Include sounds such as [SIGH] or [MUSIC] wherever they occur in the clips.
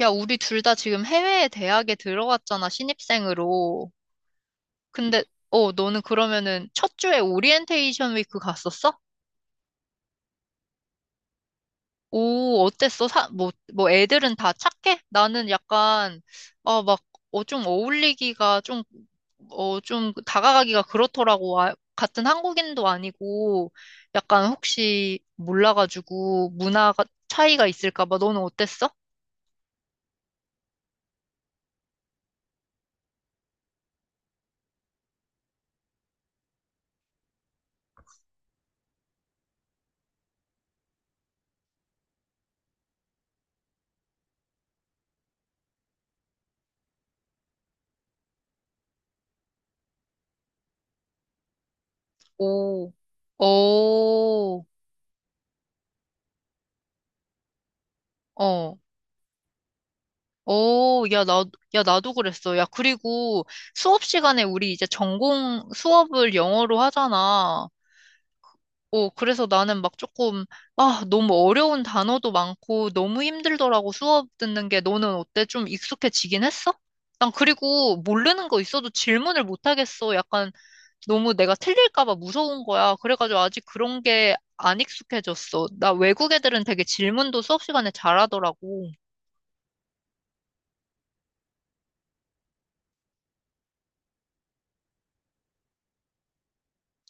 야, 우리 둘 다 지금 해외 대학에 들어갔잖아, 신입생으로. 근데, 너는 그러면은 첫 주에 오리엔테이션 위크 갔었어? 오, 어땠어? 뭐 애들은 다 착해? 나는 약간, 어, 막, 좀 어울리기가 좀 다가가기가 그렇더라고. 아, 같은 한국인도 아니고, 약간 혹시 몰라가지고 문화가 차이가 있을까 봐. 너는 어땠어? 오, 오, 어. 오, 야, 야, 나도 그랬어. 야, 그리고 수업 시간에 우리 이제 전공 수업을 영어로 하잖아. 오, 그래서 나는 막 조금, 아, 너무 어려운 단어도 많고 너무 힘들더라고 수업 듣는 게. 너는 어때? 좀 익숙해지긴 했어? 난 그리고 모르는 거 있어도 질문을 못 하겠어. 약간 너무 내가 틀릴까 봐 무서운 거야. 그래가지고 아직 그런 게 안 익숙해졌어. 나 외국 애들은 되게 질문도 수업 시간에 잘하더라고.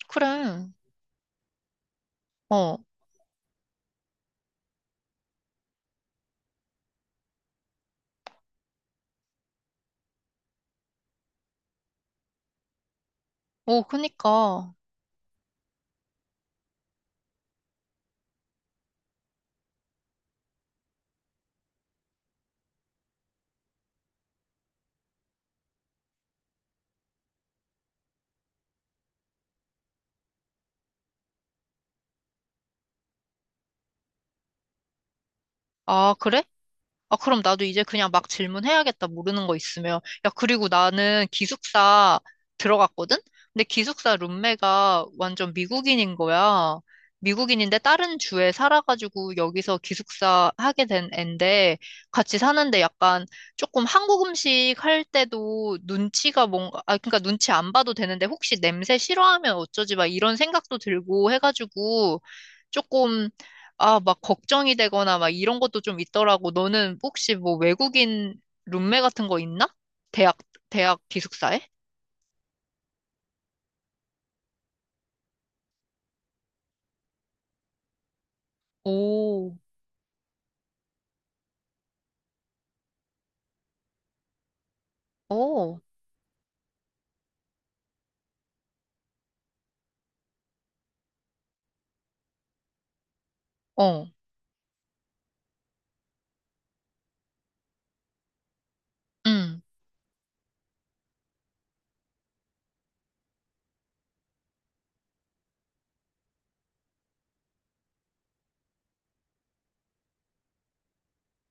그래. 어. 오, 그니까. 아, 그래? 아, 그럼 나도 이제 그냥 막 질문해야겠다, 모르는 거 있으면. 야, 그리고 나는 기숙사 들어갔거든? 근데 기숙사 룸메가 완전 미국인인 거야. 미국인인데 다른 주에 살아가지고 여기서 기숙사 하게 된 앤데 같이 사는데 약간 조금 한국 음식 할 때도 눈치가 뭔가, 아, 그러니까 눈치 안 봐도 되는데 혹시 냄새 싫어하면 어쩌지 막 이런 생각도 들고 해가지고 조금 아, 막 걱정이 되거나 막 이런 것도 좀 있더라고. 너는 혹시 뭐 외국인 룸메 같은 거 있나? 대학, 대학 기숙사에? 오, 오, 어, 응.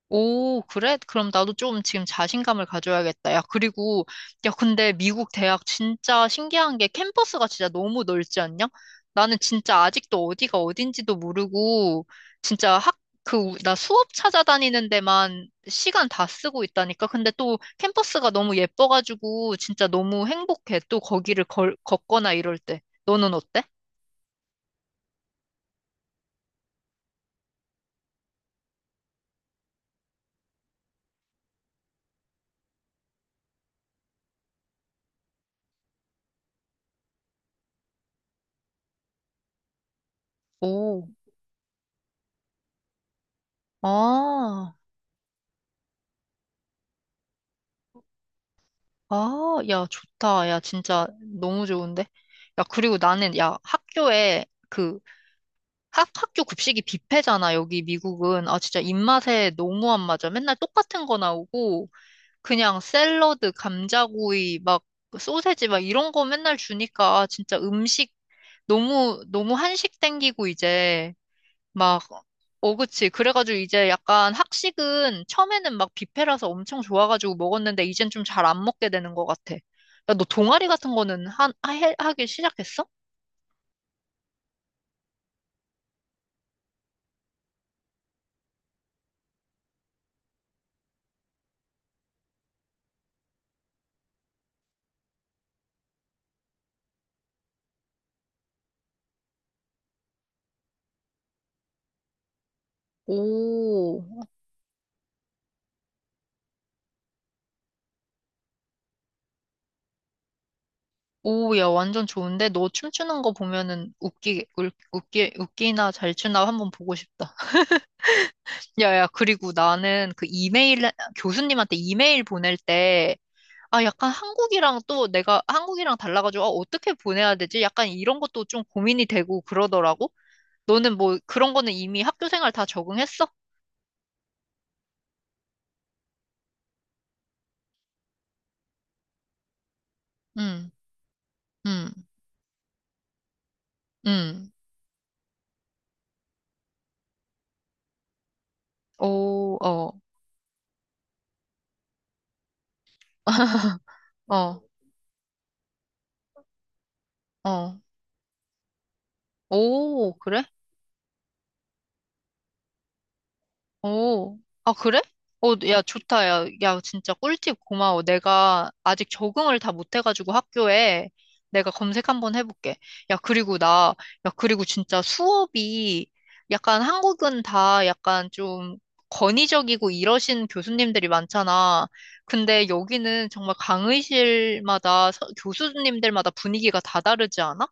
오, 그래? 그럼 나도 좀 지금 자신감을 가져야겠다. 야, 야, 근데 미국 대학 진짜 신기한 게 캠퍼스가 진짜 너무 넓지 않냐? 나는 진짜 아직도 어디가 어딘지도 모르고, 진짜 나 수업 찾아다니는 데만 시간 다 쓰고 있다니까? 근데 또 캠퍼스가 너무 예뻐가지고, 진짜 너무 행복해. 또 거기를 걷거나 이럴 때. 너는 어때? 오, 아. 아, 야, 좋다. 야, 진짜 너무 좋은데? 야, 그리고 야, 학교에 학교 급식이 뷔페잖아, 여기 미국은. 아, 진짜 입맛에 너무 안 맞아. 맨날 똑같은 거 나오고, 그냥 샐러드, 감자구이, 막, 소세지, 막 이런 거 맨날 주니까, 아, 진짜 음식 너무, 너무 한식 땡기고, 이제. 막, 어, 그치. 그래가지고 이제 약간 학식은 처음에는 막 뷔페라서 엄청 좋아가지고 먹었는데 이젠 좀 잘 안 먹게 되는 것 같아. 야, 너 동아리 같은 거는 하기 시작했어? 오, 오, 야, 완전 좋은데? 너 춤추는 거 보면은 웃기나 잘 추나 한번 보고 싶다. [LAUGHS] 야, 야, 그리고 나는 그 이메일, 교수님한테 이메일 보낼 때 아, 약간 한국이랑 또 내가 한국이랑 달라가지고, 아, 어떻게 보내야 되지? 약간 이런 것도 좀 고민이 되고 그러더라고. 너는 뭐 그런 거는 이미 학교 생활 다 적응했어? 응, 응, 응. 오, 어, [LAUGHS] 어, 어. 오, 그래? 오, 아, 그래? 어, 야, 좋다. 야, 야, 진짜 꿀팁 고마워. 내가 아직 적응을 다 못해가지고 학교에 내가 검색 한번 해볼게. 야, 그리고 야, 그리고 진짜 수업이 약간 한국은 다 약간 좀 권위적이고 이러신 교수님들이 많잖아. 근데 여기는 정말 강의실마다 교수님들마다 분위기가 다 다르지 않아?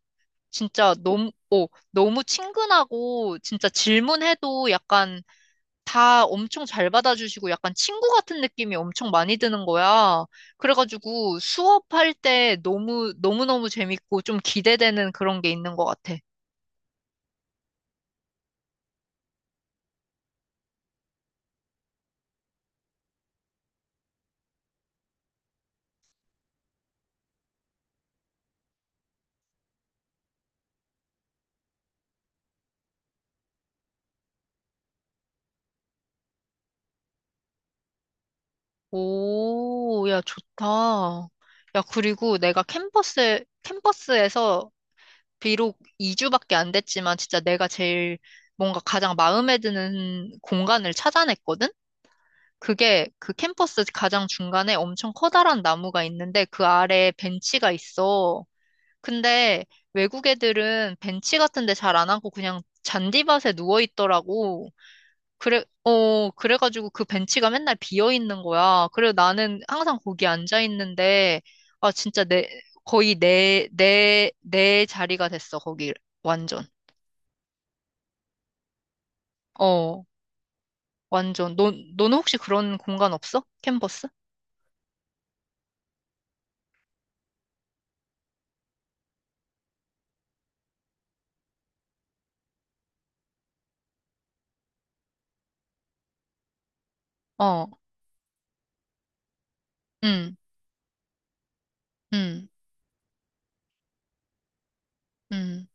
진짜 너무, 너무 친근하고 진짜 질문해도 약간 다 엄청 잘 받아주시고 약간 친구 같은 느낌이 엄청 많이 드는 거야. 그래가지고 수업할 때 너무, 너무너무 재밌고 좀 기대되는 그런 게 있는 것 같아. 오, 야, 좋다. 야, 그리고 내가 캠퍼스에서 비록 2주밖에 안 됐지만 진짜 내가 제일 뭔가 가장 마음에 드는 공간을 찾아냈거든? 그게 그 캠퍼스 가장 중간에 엄청 커다란 나무가 있는데 그 아래에 벤치가 있어. 근데 외국 애들은 벤치 같은 데 잘 안 하고 그냥 잔디밭에 누워 있더라고. 그래, 어, 그래가지고 그 벤치가 맨날 비어 있는 거야. 그래서 나는 항상 거기 앉아 있는데, 아, 진짜 내, 거의 내 자리가 됐어, 거기. 완전. 어, 완전. 너는 혹시 그런 공간 없어? 캔버스? 어, 응, 응, 응,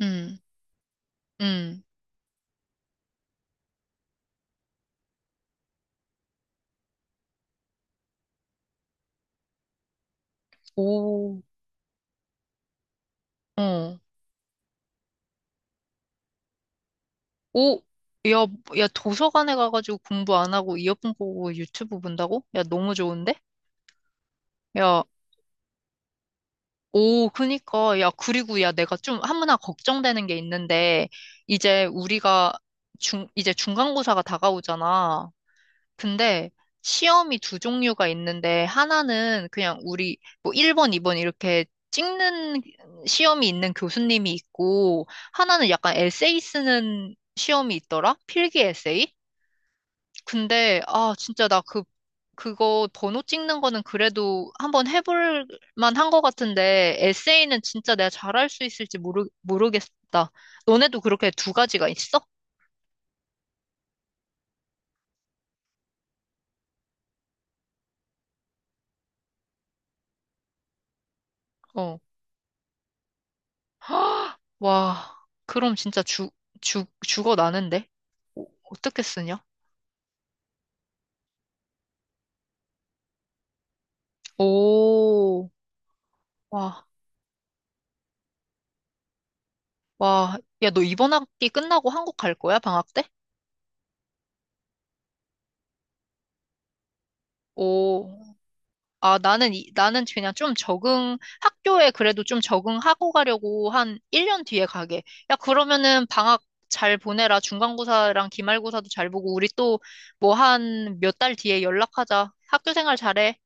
응, 응. 오, 어. 오, 야, 야, 도서관에 가가지고 공부 안 하고 이어폰 꽂고 유튜브 본다고? 야, 너무 좋은데? 야, 오, 그니까. 야, 그리고 야, 내가 좀 하나 걱정되는 게 있는데, 이제 우리가 이제 중간고사가 다가오잖아. 근데 시험이 두 종류가 있는데, 하나는 그냥 우리 뭐 1번, 2번 이렇게 찍는 시험이 있는 교수님이 있고, 하나는 약간 에세이 쓰는 시험이 있더라? 필기 에세이? 근데, 아, 진짜 나 그거 번호 찍는 거는 그래도 한번 해볼 만한 것 같은데, 에세이는 진짜 내가 잘할 수 있을지 모르겠다. 너네도 그렇게 두 가지가 있어? 어. [GASPS] 와, 그럼 진짜 죽어 나는데? 어, 어떻게 쓰냐? 오, 와, 와. 야, 너 이번 학기 끝나고 한국 갈 거야? 방학 때? 오, 아, 나는 그냥 좀 적응, 학교에 그래도 좀 적응하고 가려고 한 1년 뒤에 가게. 야, 그러면은 방학 잘 보내라. 중간고사랑 기말고사도 잘 보고, 우리 또 뭐 한 몇 달 뒤에 연락하자. 학교 생활 잘해.